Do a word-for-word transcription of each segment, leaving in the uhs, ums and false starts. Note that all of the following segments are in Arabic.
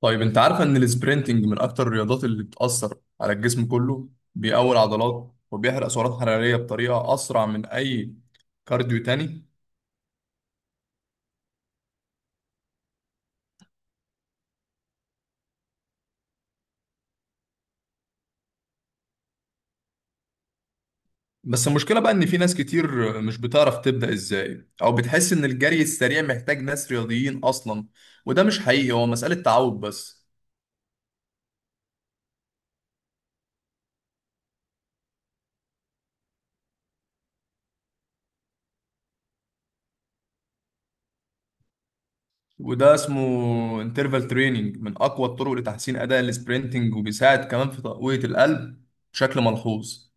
طيب انت عارف ان السبرنتنج من اكتر الرياضات اللي بتأثر على الجسم كله. بيقوي العضلات وبيحرق سعرات حرارية بطريقة اسرع من اي كارديو تاني. بس المشكلة بقى ان في ناس كتير مش بتعرف تبدأ ازاي او بتحس ان الجري السريع محتاج ناس رياضيين اصلا، وده مش حقيقي، هو مسألة تعود بس. وده اسمه انترفال تريننج، من اقوى الطرق لتحسين اداء السبرنتنج وبيساعد كمان في تقوية القلب بشكل ملحوظ.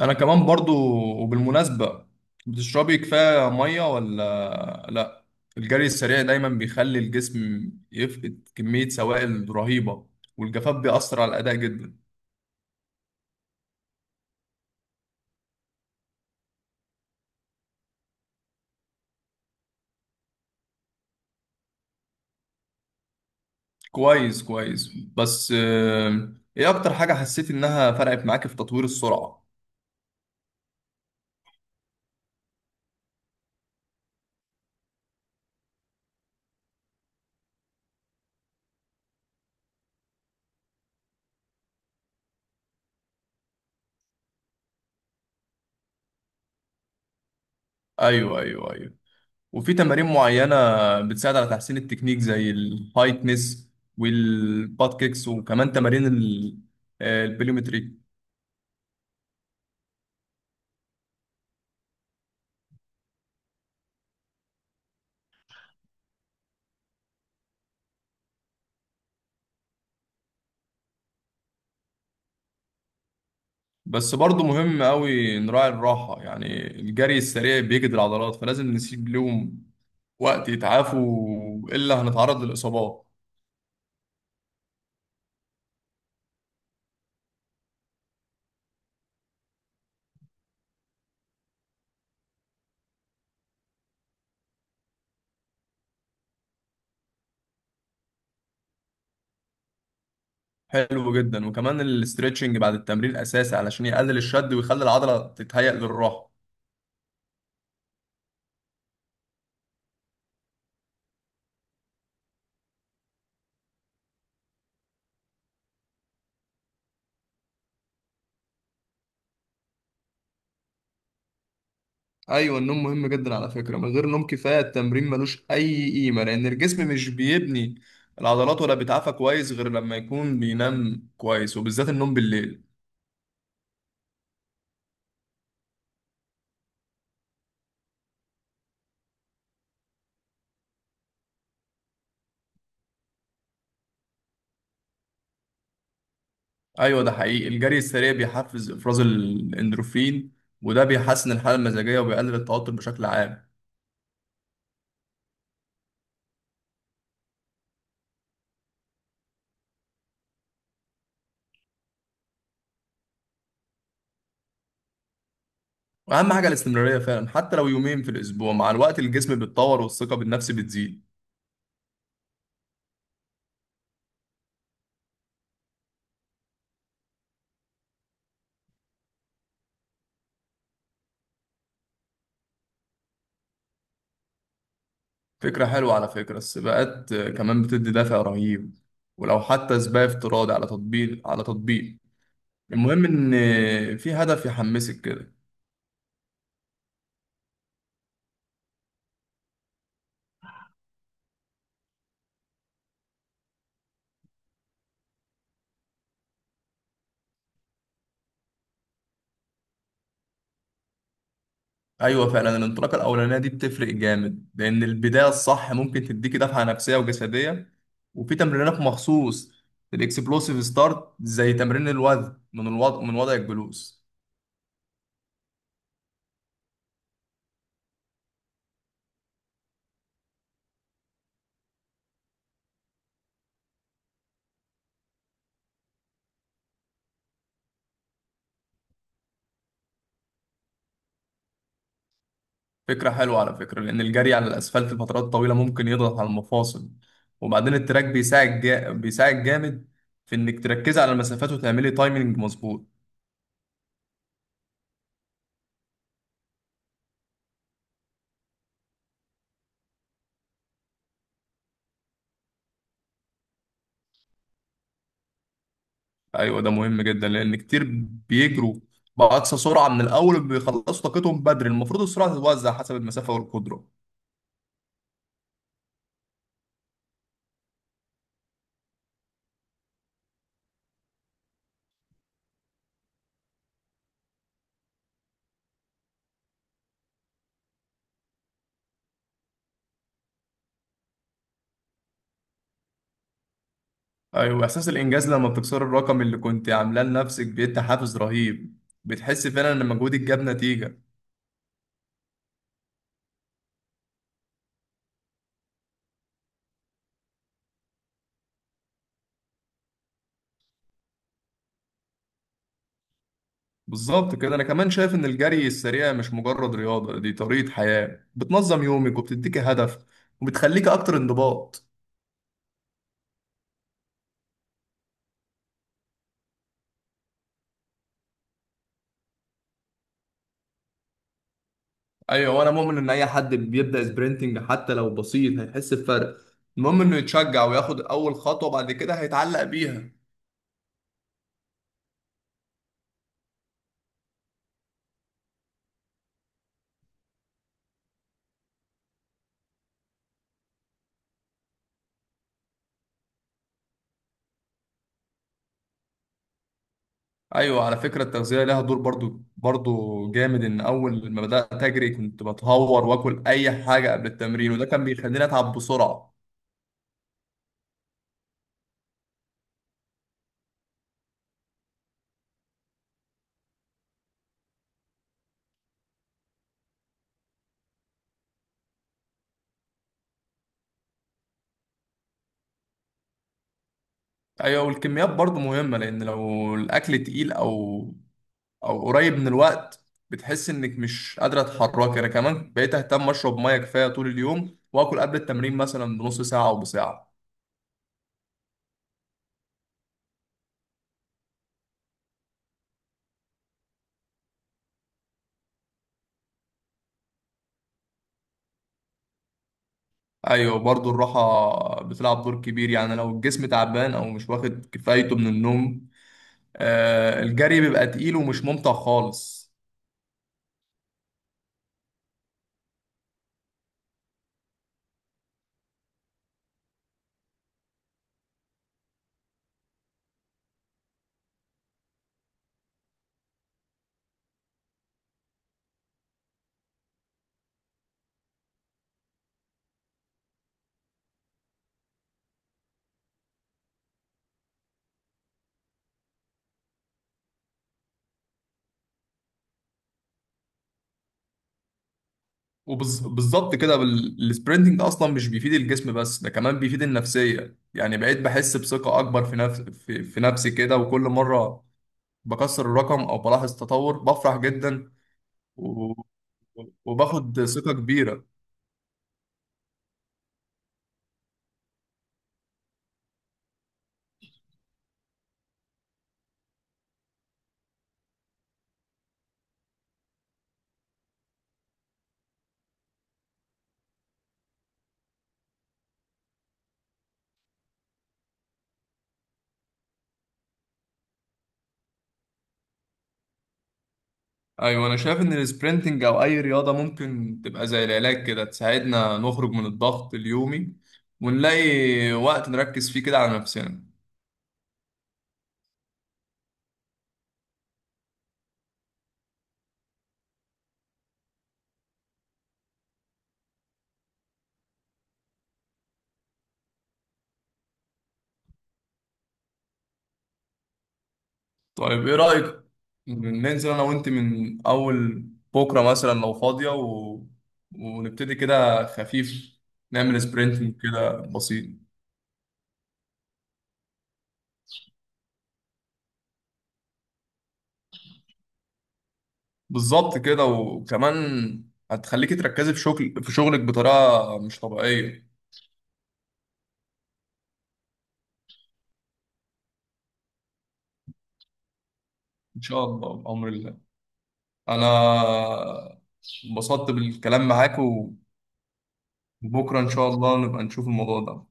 انا كمان برضو. وبالمناسبة، بتشربي كفاية مية ولا لا؟ الجري السريع دايما بيخلي الجسم يفقد كمية سوائل رهيبة، والجفاف بيأثر على الأداء جدا. كويس كويس، بس آه، ايه اكتر حاجة حسيت انها فرقت معاك في تطوير السرعة؟ ايوه ايوه ايوه. وفي تمارين معينة بتساعد على تحسين التكنيك زي الهايتنس والباد كيكس، وكمان تمارين ال- آه، البليومتريك. بس برضه مهم قوي نراعي الراحة، يعني الجري السريع بيجهد العضلات، فلازم نسيب لهم وقت يتعافوا إلا هنتعرض للإصابات. حلو جدا، وكمان الاسترتشنج بعد التمرين أساسي علشان يقلل الشد ويخلي العضلة تتهيأ للراحة. أيوة، النوم مهم جدا على فكرة. من غير نوم كفاية التمرين ملوش أي قيمة، لأن الجسم مش بيبني العضلات ولا بيتعافى كويس غير لما يكون بينام كويس، وبالذات النوم بالليل. ايوه، ده حقيقي. الجري السريع بيحفز افراز الاندروفين، وده بيحسن الحاله المزاجيه وبيقلل التوتر بشكل عام. واهم حاجه الاستمراريه فعلا، حتى لو يومين في الاسبوع. مع الوقت الجسم بيتطور والثقه بالنفس بتزيد. فكره حلوه على فكره، السباقات آه، كمان بتدي دافع رهيب، ولو حتى سباق افتراضي على تطبيق على تطبيق. المهم ان آه، في هدف يحمسك كده. ايوه فعلا، الانطلاقه الاولانيه دي بتفرق جامد، لان البدايه الصح ممكن تديكي دفعه نفسيه وجسديه. وفي تمرينات مخصوص للاكسبلوسيف ستارت، زي تمرين الوزن من الوضع من وضع الجلوس. فكره حلوه على فكره، لان الجري على الاسفلت لفترات طويله ممكن يضغط على المفاصل. وبعدين التراك بيساعد جا... بيساعد جامد في انك تركزي على المسافات وتعملي تايمنج مظبوط. ايوه، ده مهم جدا، لان كتير بيجروا باقصى سرعه من الاول، بيخلصوا طاقتهم بدري. المفروض السرعه تتوزع حسب المسافه والقدره. ايوه، احساس الانجاز لما بتكسر الرقم اللي كنت عاملاه لنفسك بيدي حافز رهيب. بتحس فعلا ان مجهودك جاب نتيجه. بالظبط كده. انا كمان شايف ان الجري السريع مش مجرد رياضه، دي طريقه حياه، بتنظم يومك وبتديك هدف وبتخليك اكتر انضباط. ايوه، وانا مؤمن ان اي حد بيبدا سبرنتنج حتى لو بسيط هيحس بفرق. المهم انه يتشجع وياخد اول خطوه، بعد كده هيتعلق بيها. ايوه، على فكره التغذيه لها دور برضو برضو جامد. ان اول ما بدات اجري كنت بتهور واكل اي حاجه قبل التمرين، وده كان بيخليني اتعب بسرعه. ايوه، والكميات برضو مهمه، لان لو الاكل تقيل او او قريب من الوقت بتحس انك مش قادره تتحركي. انا كمان بقيت اهتم اشرب ميه كفايه طول اليوم، واكل قبل التمرين مثلا بنص ساعه او بساعه. ايوه، برضو الراحه بتلعب دور كبير، يعني لو الجسم تعبان او مش واخد كفايته من النوم آه الجري بيبقى تقيل ومش ممتع خالص. وبالظبط كده، بال- السبرنتنج اصلا مش بيفيد الجسم بس، ده كمان بيفيد النفسيه. يعني بقيت بحس بثقه اكبر في نفس في, في نفسي كده، وكل مره بكسر الرقم او بلاحظ تطور بفرح جدا و- وباخد ثقه كبيره. ايوه انا شايف ان السبرنتنج او اي رياضه ممكن تبقى زي العلاج كده، تساعدنا نخرج من الضغط اليومي ونلاقي وقت نركز فيه كده على نفسنا. طيب ايه رايك ننزل انا وانت من اول بكره مثلا لو فاضيه و... ونبتدي كده خفيف، نعمل سبرنتنج كده بسيط. بالظبط كده، وكمان هتخليكي تركزي في شغل في شغلك بطريقه مش طبيعيه. ان شاء الله بامر الله. انا انبسطت بالكلام معاك، وبكره ان شاء الله نبقى نشوف الموضوع ده.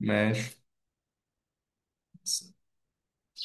ماشي.